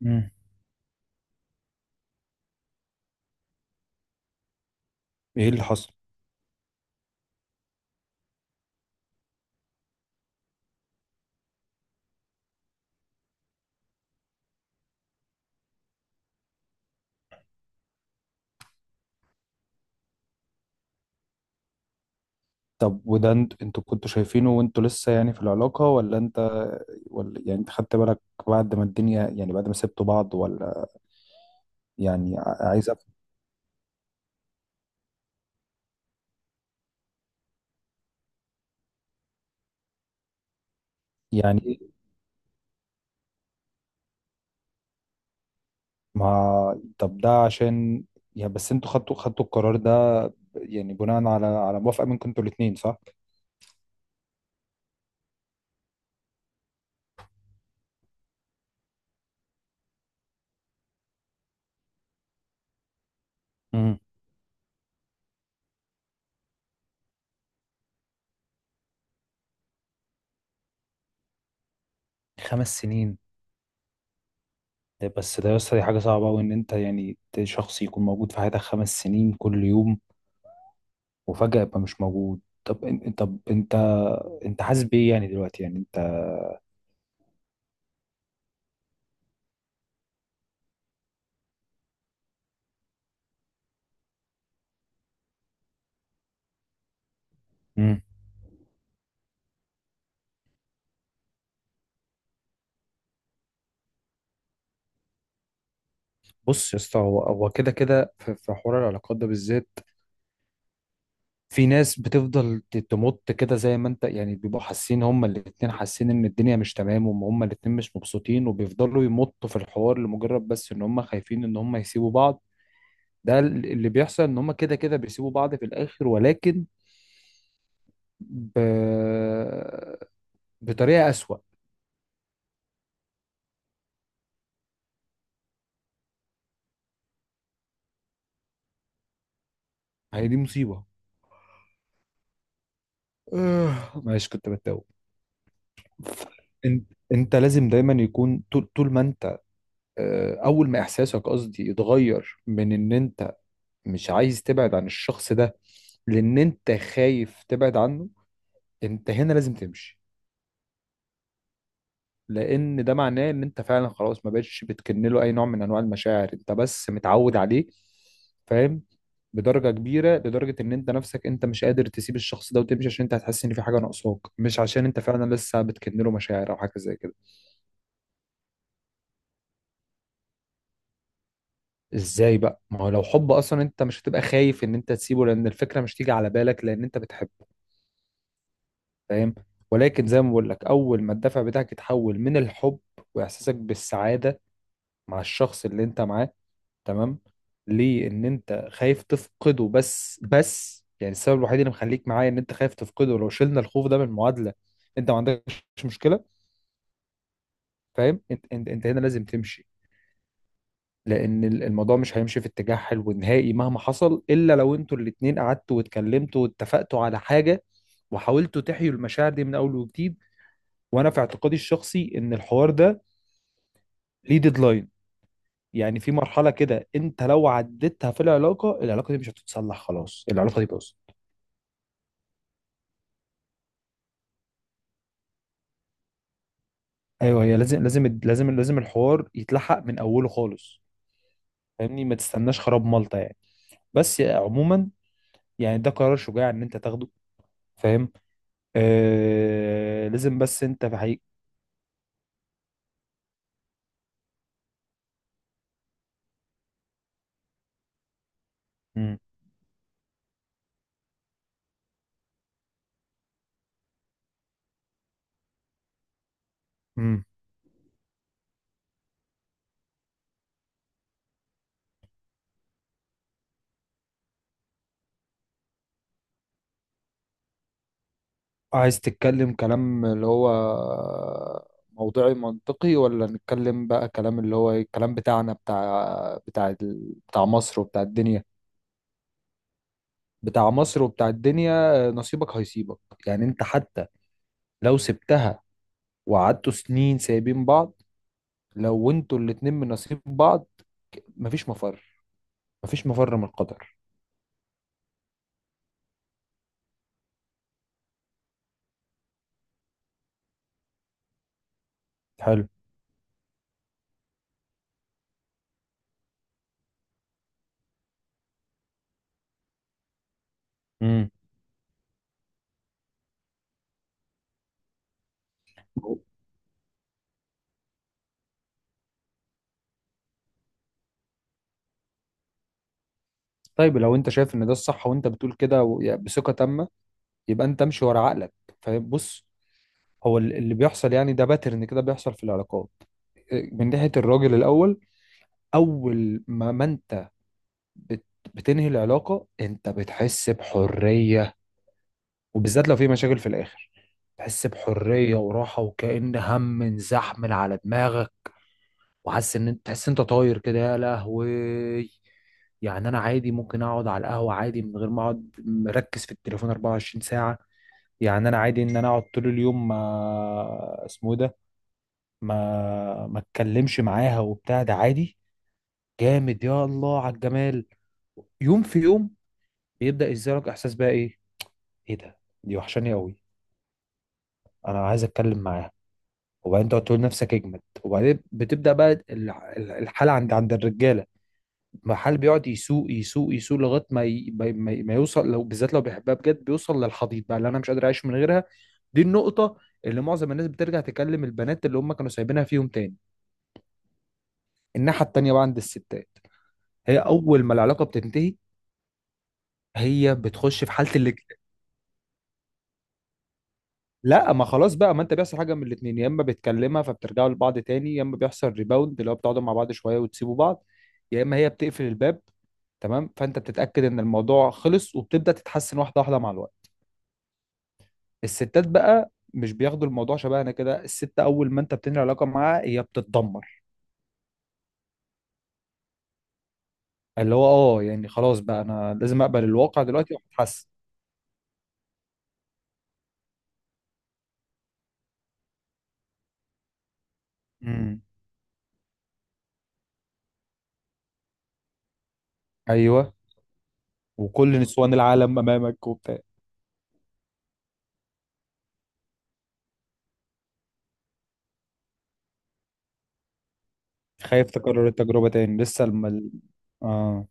مم. ايه اللي حصل؟ طب وده انتوا كنتوا شايفينه وانتوا لسه يعني في العلاقة، ولا انت، ولا يعني انت خدت بالك بعد ما الدنيا، يعني بعد ما سبتوا بعض، ولا يعني يعني ما طب ده عشان يعني بس انتوا خدتوا القرار ده يعني بناء على موافقة منكم انتوا الاتنين، صح؟ امم 5 سنين. ده بس ده يا اسطى دي حاجة صعبة أوي إن أنت شخص يكون موجود في حياتك 5 سنين كل يوم وفجأة يبقى مش موجود. طب انت، انت حاسس بايه يعني دلوقتي يعني انت؟ مم. بص يا اسطى، هو هو كده كده في حوار العلاقات ده بالذات في ناس بتفضل تمط كده، زي ما انت يعني بيبقوا حاسين، هما الاتنين حاسين ان الدنيا مش تمام، وهم هما الاتنين مش مبسوطين، وبيفضلوا يمطوا في الحوار لمجرد بس ان هما خايفين ان هما يسيبوا بعض. اللي بيحصل ان هما كده كده بيسيبوا بعض في الاخر، ولكن ب... بطريقة أسوأ. هي دي مصيبة. آه، معلش كنت بتوه. انت، انت لازم دايما يكون طول ما انت آه، اول ما احساسك، قصدي، يتغير من ان انت مش عايز تبعد عن الشخص ده لان انت خايف تبعد عنه، انت هنا لازم تمشي. لان ده معناه ان انت فعلا خلاص ما بقتش بتكن له اي نوع من انواع المشاعر، انت بس متعود عليه. فاهم؟ بدرجة كبيرة لدرجة ان انت نفسك انت مش قادر تسيب الشخص ده وتمشي عشان انت هتحس ان في حاجة ناقصاك، مش عشان انت فعلا لسه بتكن له مشاعر او حاجة زي كده. ازاي بقى؟ ما هو لو حب اصلا انت مش هتبقى خايف ان انت تسيبه، لان الفكره مش تيجي على بالك لان انت بتحبه. فاهم؟ ولكن زي ما بقول لك، اول ما الدافع بتاعك يتحول من الحب واحساسك بالسعاده مع الشخص اللي انت معاه، تمام، ليه؟ ان انت خايف تفقده. بس يعني السبب الوحيد اللي مخليك معايا ان انت خايف تفقده، لو شلنا الخوف ده من المعادله انت ما عندكش مشكله. فاهم؟ انت هنا لازم تمشي لان الموضوع مش هيمشي في اتجاه حلو نهائي مهما حصل، الا لو انتوا الاتنين قعدتوا واتكلمتوا واتفقتوا على حاجه وحاولتوا تحيوا المشاعر دي من اول وجديد. وانا في اعتقادي الشخصي ان الحوار ده ليه ديدلاين. يعني في مرحله كده انت لو عديتها في العلاقه، العلاقه دي مش هتتصلح، خلاص العلاقه دي باظت. ايوه هي لازم الحوار يتلحق من اوله خالص. فاهمني؟ ما تستناش خراب ملطه يعني. بس عموما، يعني ده قرار شجاع ان انت تاخده. فاهم؟ آه لازم، بس انت مم. امم. عايز تتكلم كلام اللي هو موضوعي منطقي، ولا نتكلم بقى كلام اللي هو إيه؟ الكلام بتاعنا بتاع بتاع مصر وبتاع الدنيا. بتاع مصر وبتاع الدنيا، نصيبك هيصيبك. يعني انت حتى لو سبتها وقعدتوا سنين سايبين بعض، لو انتوا الاتنين من نصيب بعض مفيش مفر، مفيش مفر من القدر. حلو. امم. طيب لو انت شايف ان ده الصح، وانت بتقول كده يعني بثقة تامة، يبقى انت امشي ورا عقلك. فبص، هو اللي بيحصل يعني، ده باترن كده بيحصل في العلاقات. إيه، من ناحية الراجل الأول، أول ما أنت بت- بتنهي العلاقة أنت بتحس بحرية، وبالذات لو في مشاكل في الآخر، تحس بحرية وراحة وكأن هم انزحمل على دماغك، وحاسس إن أنت، تحس أنت طاير كده، يا لهوي. يعني أنا عادي ممكن أقعد على القهوة عادي من غير ما أقعد مركز في التليفون 24 ساعة. يعني أنا عادي إن أنا أقعد طول اليوم، ما اسمه إيه ده، ما اتكلمش معاها وبتاع، ده عادي، جامد، يا الله على الجمال. يوم في يوم بيبدأ يزيلك احساس بقى ايه؟ ايه ده؟ دي وحشاني قوي، انا عايز اتكلم معاها. وبعدين تقعد تقول نفسك اجمد، وبعدين بتبدأ بقى الحالة عند الرجالة. المحل بيقعد يسوق يسوق لغاية ما يوصل، لو بالذات لو بيحبها بجد بيوصل للحضيض بقى، اللي انا مش قادر اعيش من غيرها. دي النقطة اللي معظم الناس بترجع تكلم البنات اللي هم كانوا سايبينها فيهم تاني. الناحية التانية بقى عند الستات، هي اول ما العلاقه بتنتهي هي بتخش في حاله اللي. لا ما خلاص بقى، ما انت بيحصل حاجه من الاثنين، يا اما بتكلمها فبترجعوا لبعض تاني، يا اما بيحصل ريباوند اللي هو بتقعدوا مع بعض شويه وتسيبوا بعض، يا اما هي بتقفل الباب، تمام، فانت بتتاكد ان الموضوع خلص وبتبدا تتحسن واحده واحده مع الوقت. الستات بقى مش بياخدوا الموضوع شبهنا كده، الست اول ما انت بتنهي علاقه معاها هي بتتدمر. اللي هو اه يعني خلاص بقى انا لازم اقبل الواقع دلوقتي واتحسن. امم. ايوه. وكل نسوان العالم امامك وبتاع. خايف تكرر التجربة تاني، لسه لما اه.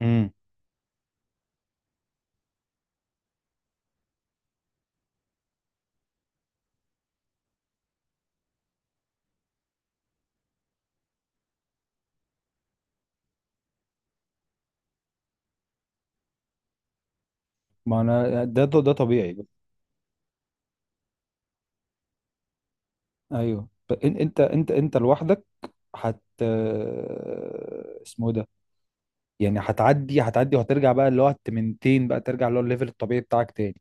امم. ما انا ده ده طبيعي بقى. ايوه انت لوحدك هت، اسمه إيه ده، يعني هتعدي وهترجع بقى اللي هو التمنتين بقى، ترجع اللي هو الليفل الطبيعي بتاعك تاني.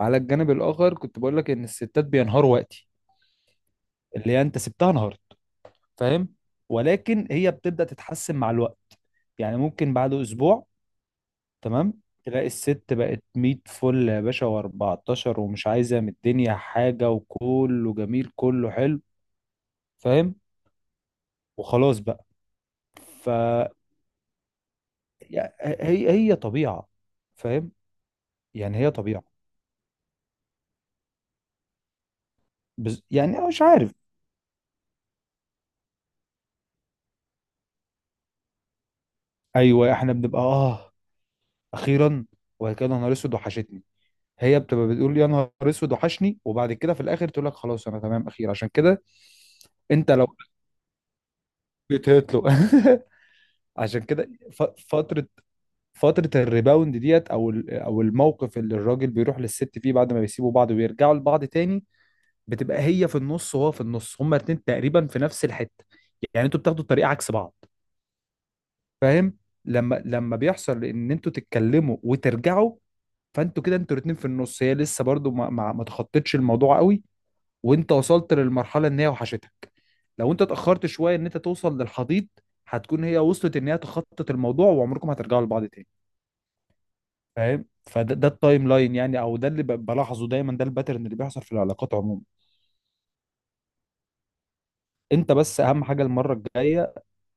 على الجانب الاخر كنت بقول لك ان الستات بينهاروا وقتي اللي هي انت سبتها انهارت. فاهم؟ ولكن هي بتبدأ تتحسن مع الوقت، يعني ممكن بعد اسبوع، تمام، تلاقي الست بقت 100 فل يا باشا و14، ومش عايزه من الدنيا حاجه، وكله جميل كله حلو. فاهم؟ وخلاص بقى. ف، هي طبيعه. فاهم؟ يعني هي طبيعه. يعني أنا مش عارف. ايوه احنا بنبقى اه، اخيرا، وبعد كده يا نهار اسود وحشتني. هي بتبقى بتقول يا نهار اسود وحشني، وبعد كده في الاخر تقول لك خلاص انا تمام، اخير عشان كده. انت لو بتهتله عشان كده فترة، فترة الريباوند ديت، او او الموقف اللي الراجل بيروح للست فيه بعد ما بيسيبوا بعض ويرجعوا لبعض تاني، بتبقى هي في النص وهو في النص، هما الاتنين تقريبا في نفس الحتة. يعني انتوا بتاخدوا الطريق عكس بعض. فاهم؟ لما بيحصل ان انتوا تتكلموا وترجعوا، فانتوا كده انتوا الاتنين في النص، هي لسه برضو ما تخطتش الموضوع قوي، وانت وصلت للمرحلة ان هي وحشتك. لو انت اتأخرت شوية ان انت توصل للحضيض، هتكون هي وصلت ان هي تخطط الموضوع وعمركم هترجعوا لبعض تاني. فاهم؟ فده ده التايم لاين يعني، او ده اللي بلاحظه دايما، ده الباترن اللي بيحصل في العلاقات عموما. انت بس اهم حاجه المره الجايه،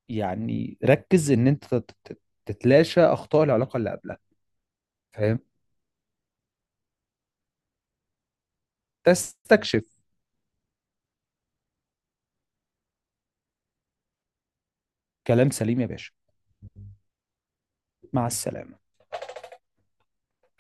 يعني ركز ان انت تتلاشى اخطاء العلاقه اللي قبلها. فاهم؟ تستكشف. كلام سليم يا باشا. مع السلامه.